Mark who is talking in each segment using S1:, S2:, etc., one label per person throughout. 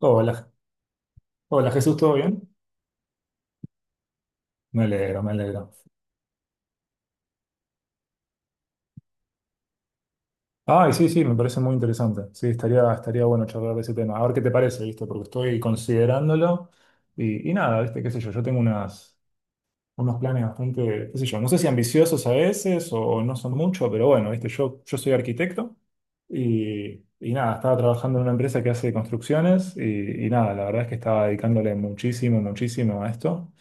S1: Hola, hola Jesús, ¿todo bien? Me alegro, me alegro. Ay, sí, sí, me parece muy interesante. Sí, estaría bueno charlar de ese tema. A ver qué te parece, ¿viste? Porque estoy considerándolo y nada, ¿viste? ¿Qué sé yo? Yo tengo unas, unos planes bastante, qué sé yo, no sé si ambiciosos a veces o no son mucho, pero bueno, viste, yo soy arquitecto y nada, estaba trabajando en una empresa que hace construcciones y nada, la verdad es que estaba dedicándole muchísimo, muchísimo a esto.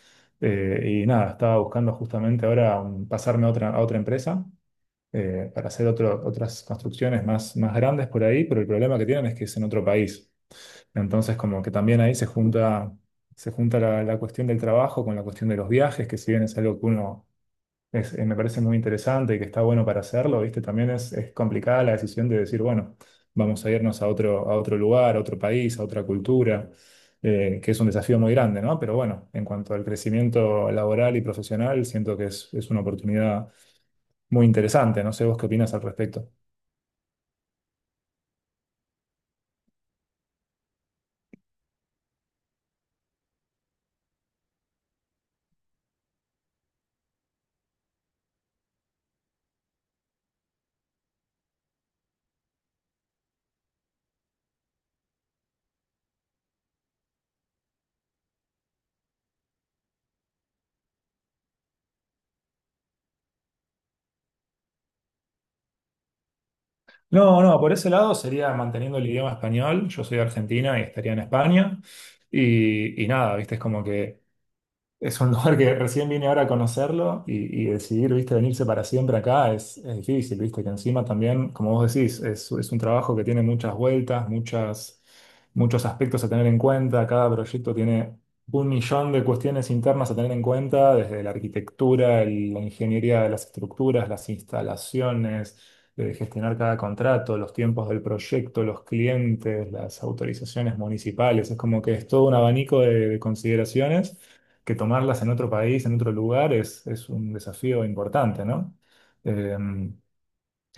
S1: Y nada, estaba buscando justamente ahora pasarme a otra empresa para hacer otras construcciones más, más grandes por ahí, pero el problema que tienen es que es en otro país. Entonces, como que también ahí se junta la, la cuestión del trabajo con la cuestión de los viajes, que si bien es algo que uno me parece muy interesante y que está bueno para hacerlo, ¿viste? También es complicada la decisión de decir, bueno, vamos a irnos a otro lugar, a otro país, a otra cultura, que es un desafío muy grande, ¿no? Pero bueno, en cuanto al crecimiento laboral y profesional, siento que es una oportunidad muy interesante. No sé vos qué opinas al respecto. No, no, por ese lado sería manteniendo el idioma español. Yo soy de Argentina y estaría en España. Y nada, viste, es como que es un lugar que recién vine ahora a conocerlo y decidir, viste, venirse para siempre acá es difícil, viste, que encima también, como vos decís, es un trabajo que tiene muchas vueltas, muchas, muchos aspectos a tener en cuenta, cada proyecto tiene un millón de cuestiones internas a tener en cuenta, desde la arquitectura, la ingeniería de las estructuras, las instalaciones, de gestionar cada contrato, los tiempos del proyecto, los clientes, las autorizaciones municipales, es como que es todo un abanico de consideraciones que tomarlas en otro país, en otro lugar, es un desafío importante, ¿no? Eh,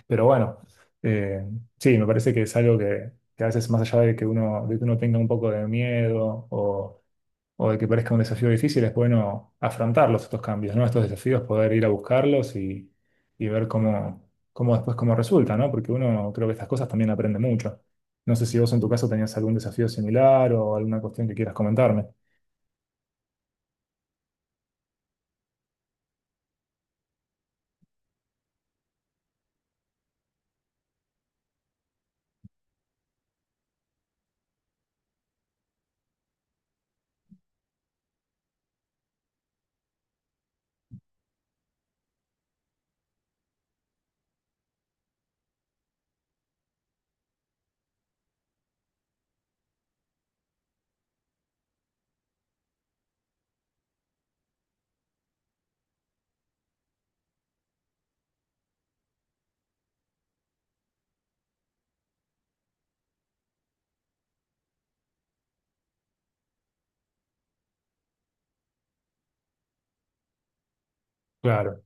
S1: pero bueno, eh, sí, me parece que es algo que a veces más allá de que uno tenga un poco de miedo o de que parezca un desafío difícil, es bueno afrontarlos estos cambios, ¿no? Estos desafíos, poder ir a buscarlos y ver cómo, cómo después cómo resulta, ¿no? Porque uno creo que estas cosas también aprende mucho. No sé si vos en tu caso tenías algún desafío similar o alguna cuestión que quieras comentarme. Claro.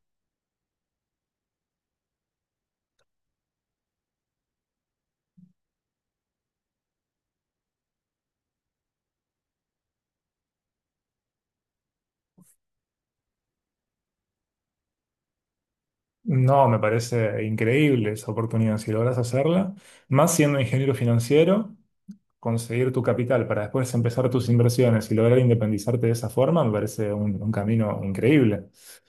S1: No, me parece increíble esa oportunidad. Si logras hacerla, más siendo ingeniero financiero, conseguir tu capital para después empezar tus inversiones y lograr independizarte de esa forma, me parece un camino increíble.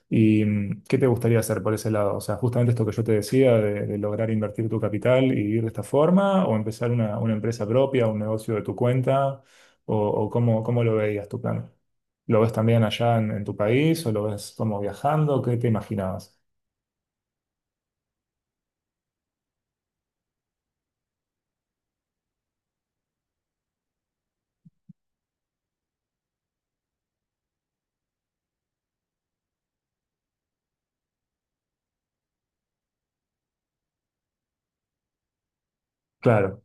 S1: ¿Y qué te gustaría hacer por ese lado? O sea, justamente esto que yo te decía de lograr invertir tu capital y vivir de esta forma, o empezar una empresa propia, un negocio de tu cuenta, o cómo, cómo lo veías tu plan. ¿Lo ves también allá en tu país o lo ves como viajando? ¿Qué te imaginabas? Claro.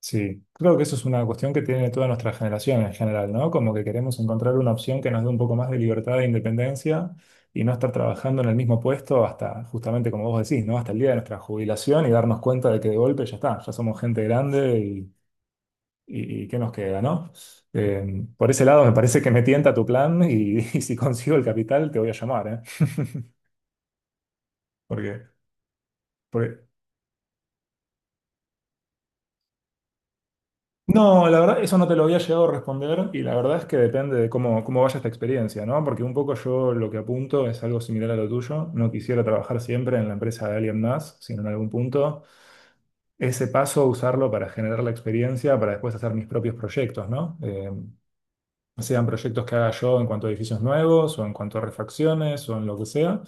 S1: Sí, creo que eso es una cuestión que tiene toda nuestra generación en general, ¿no? Como que queremos encontrar una opción que nos dé un poco más de libertad e independencia y no estar trabajando en el mismo puesto hasta, justamente como vos decís, ¿no? Hasta el día de nuestra jubilación y darnos cuenta de que de golpe ya está, ya somos gente grande y ¿qué nos queda, ¿no? Por ese lado me parece que me tienta tu plan y, y si consigo el capital te voy a llamar, ¿eh? Porque, porque. No, la verdad, eso no te lo había llegado a responder y la verdad es que depende de cómo, cómo vaya esta experiencia, ¿no? Porque un poco yo lo que apunto es algo similar a lo tuyo. No quisiera trabajar siempre en la empresa de alguien más, sino en algún punto ese paso usarlo para generar la experiencia, para después hacer mis propios proyectos, ¿no? No sean proyectos que haga yo en cuanto a edificios nuevos o en cuanto a refacciones o en lo que sea,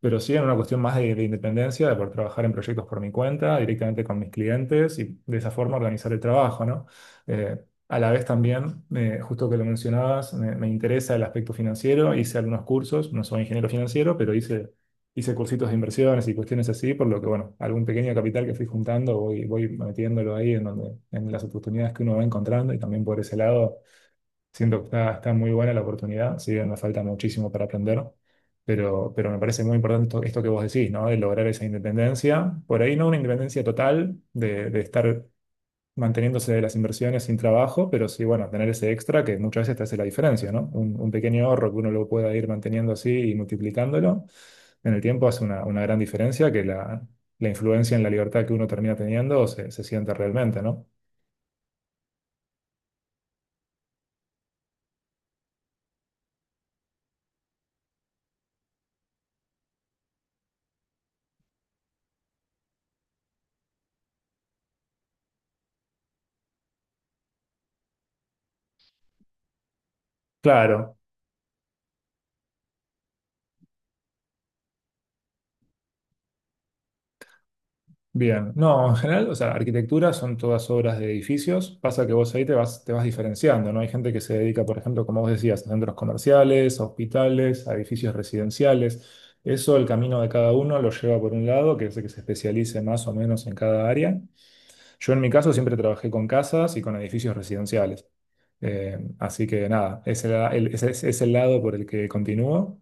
S1: pero sí en una cuestión más de independencia, de poder trabajar en proyectos por mi cuenta, directamente con mis clientes y de esa forma organizar el trabajo, ¿no? Eh, a la vez también, justo que lo mencionabas, me interesa el aspecto financiero, hice algunos cursos, no soy ingeniero financiero, pero hice, hice cursitos de inversiones y cuestiones así, por lo que, bueno, algún pequeño capital que fui juntando, voy, voy metiéndolo ahí en donde, en las oportunidades que uno va encontrando y también por ese lado siento que está, está muy buena la oportunidad, si bien me falta muchísimo para aprender, pero me parece muy importante esto, esto que vos decís, ¿no? De lograr esa independencia. Por ahí no una independencia total de estar manteniéndose de las inversiones sin trabajo, pero sí, bueno, tener ese extra que muchas veces te hace la diferencia, ¿no? Un pequeño ahorro que uno lo pueda ir manteniendo así y multiplicándolo en el tiempo hace una gran diferencia que la influencia en la libertad que uno termina teniendo se, se siente realmente, ¿no? Claro. Bien, no, en general, o sea, arquitectura son todas obras de edificios. Pasa que vos ahí te vas diferenciando, ¿no? Hay gente que se dedica, por ejemplo, como vos decías, a centros comerciales, a hospitales, a edificios residenciales. Eso, el camino de cada uno lo lleva por un lado, que es el que se especialice más o menos en cada área. Yo en mi caso siempre trabajé con casas y con edificios residenciales. Así que nada, ese es el lado por el que continúo.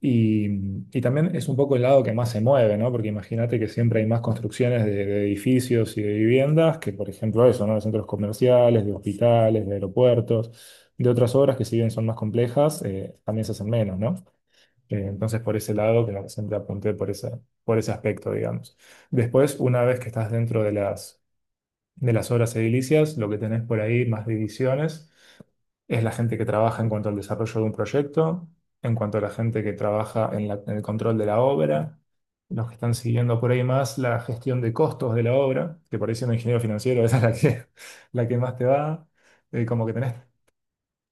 S1: Y, y también es un poco el lado que más se mueve, ¿no? Porque imagínate que siempre hay más construcciones de edificios y de viviendas que, por ejemplo, eso, ¿no? De centros comerciales, de hospitales, de aeropuertos, de otras obras que, si bien son más complejas, también se hacen menos, ¿no? Entonces, por ese lado, que siempre apunté por ese aspecto, digamos. Después, una vez que estás dentro de las obras edilicias, lo que tenés por ahí, más divisiones es la gente que trabaja en cuanto al desarrollo de un proyecto, en cuanto a la gente que trabaja en, en el control de la obra, los que están siguiendo por ahí más la gestión de costos de la obra, que por ahí siendo ingeniero financiero, esa es la que más te va. Como que tenés.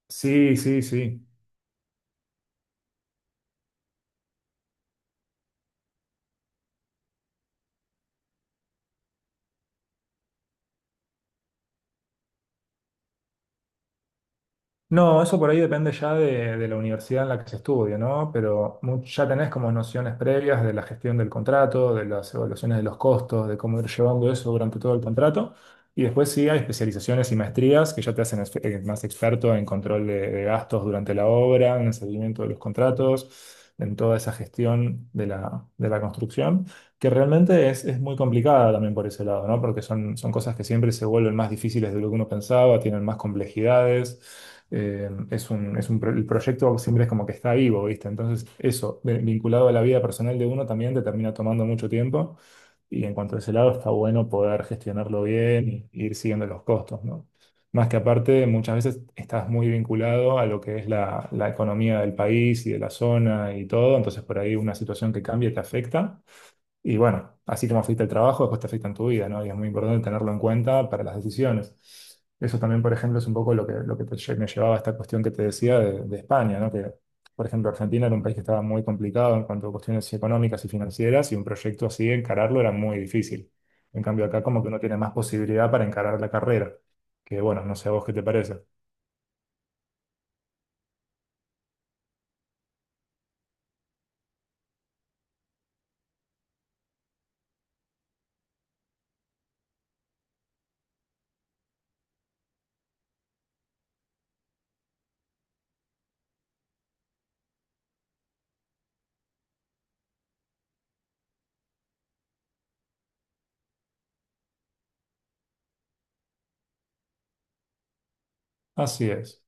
S1: Sí, sí, sí. No, eso por ahí depende ya de la universidad en la que se estudie, ¿no? Pero ya tenés como nociones previas de la gestión del contrato, de las evaluaciones de los costos, de cómo ir llevando eso durante todo el contrato. Y después sí hay especializaciones y maestrías que ya te hacen más experto en control de gastos durante la obra, en el seguimiento de los contratos, en toda esa gestión de la construcción. Que realmente es muy complicada también por ese lado, ¿no? Porque son, son cosas que siempre se vuelven más difíciles de lo que uno pensaba, tienen más complejidades. Es un, es un el proyecto siempre es como que está vivo, ¿viste? Entonces, eso, vinculado a la vida personal de uno, también te termina tomando mucho tiempo. Y en cuanto a ese lado, está bueno poder gestionarlo bien y ir siguiendo los costos, ¿no? Más que aparte, muchas veces estás muy vinculado a lo que es la, la economía del país y de la zona y todo, entonces por ahí una situación que cambia te afecta. Y bueno, así como afecta el trabajo, después te afecta en tu vida, ¿no? Y es muy importante tenerlo en cuenta para las decisiones. Eso también, por ejemplo, es un poco lo que te me llevaba a esta cuestión que te decía de España, ¿no? Que, por ejemplo, Argentina era un país que estaba muy complicado en cuanto a cuestiones económicas y financieras, y un proyecto así, encararlo era muy difícil. En cambio, acá como que uno tiene más posibilidad para encarar la carrera, que bueno, no sé a vos qué te parece. Así es.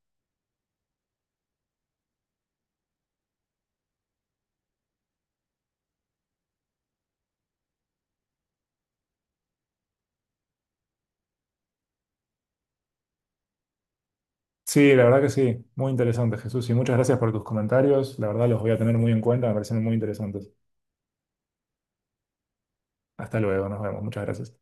S1: Sí, la verdad que sí, muy interesante, Jesús, y muchas gracias por tus comentarios, la verdad los voy a tener muy en cuenta, me parecen muy interesantes. Hasta luego, nos vemos. Muchas gracias.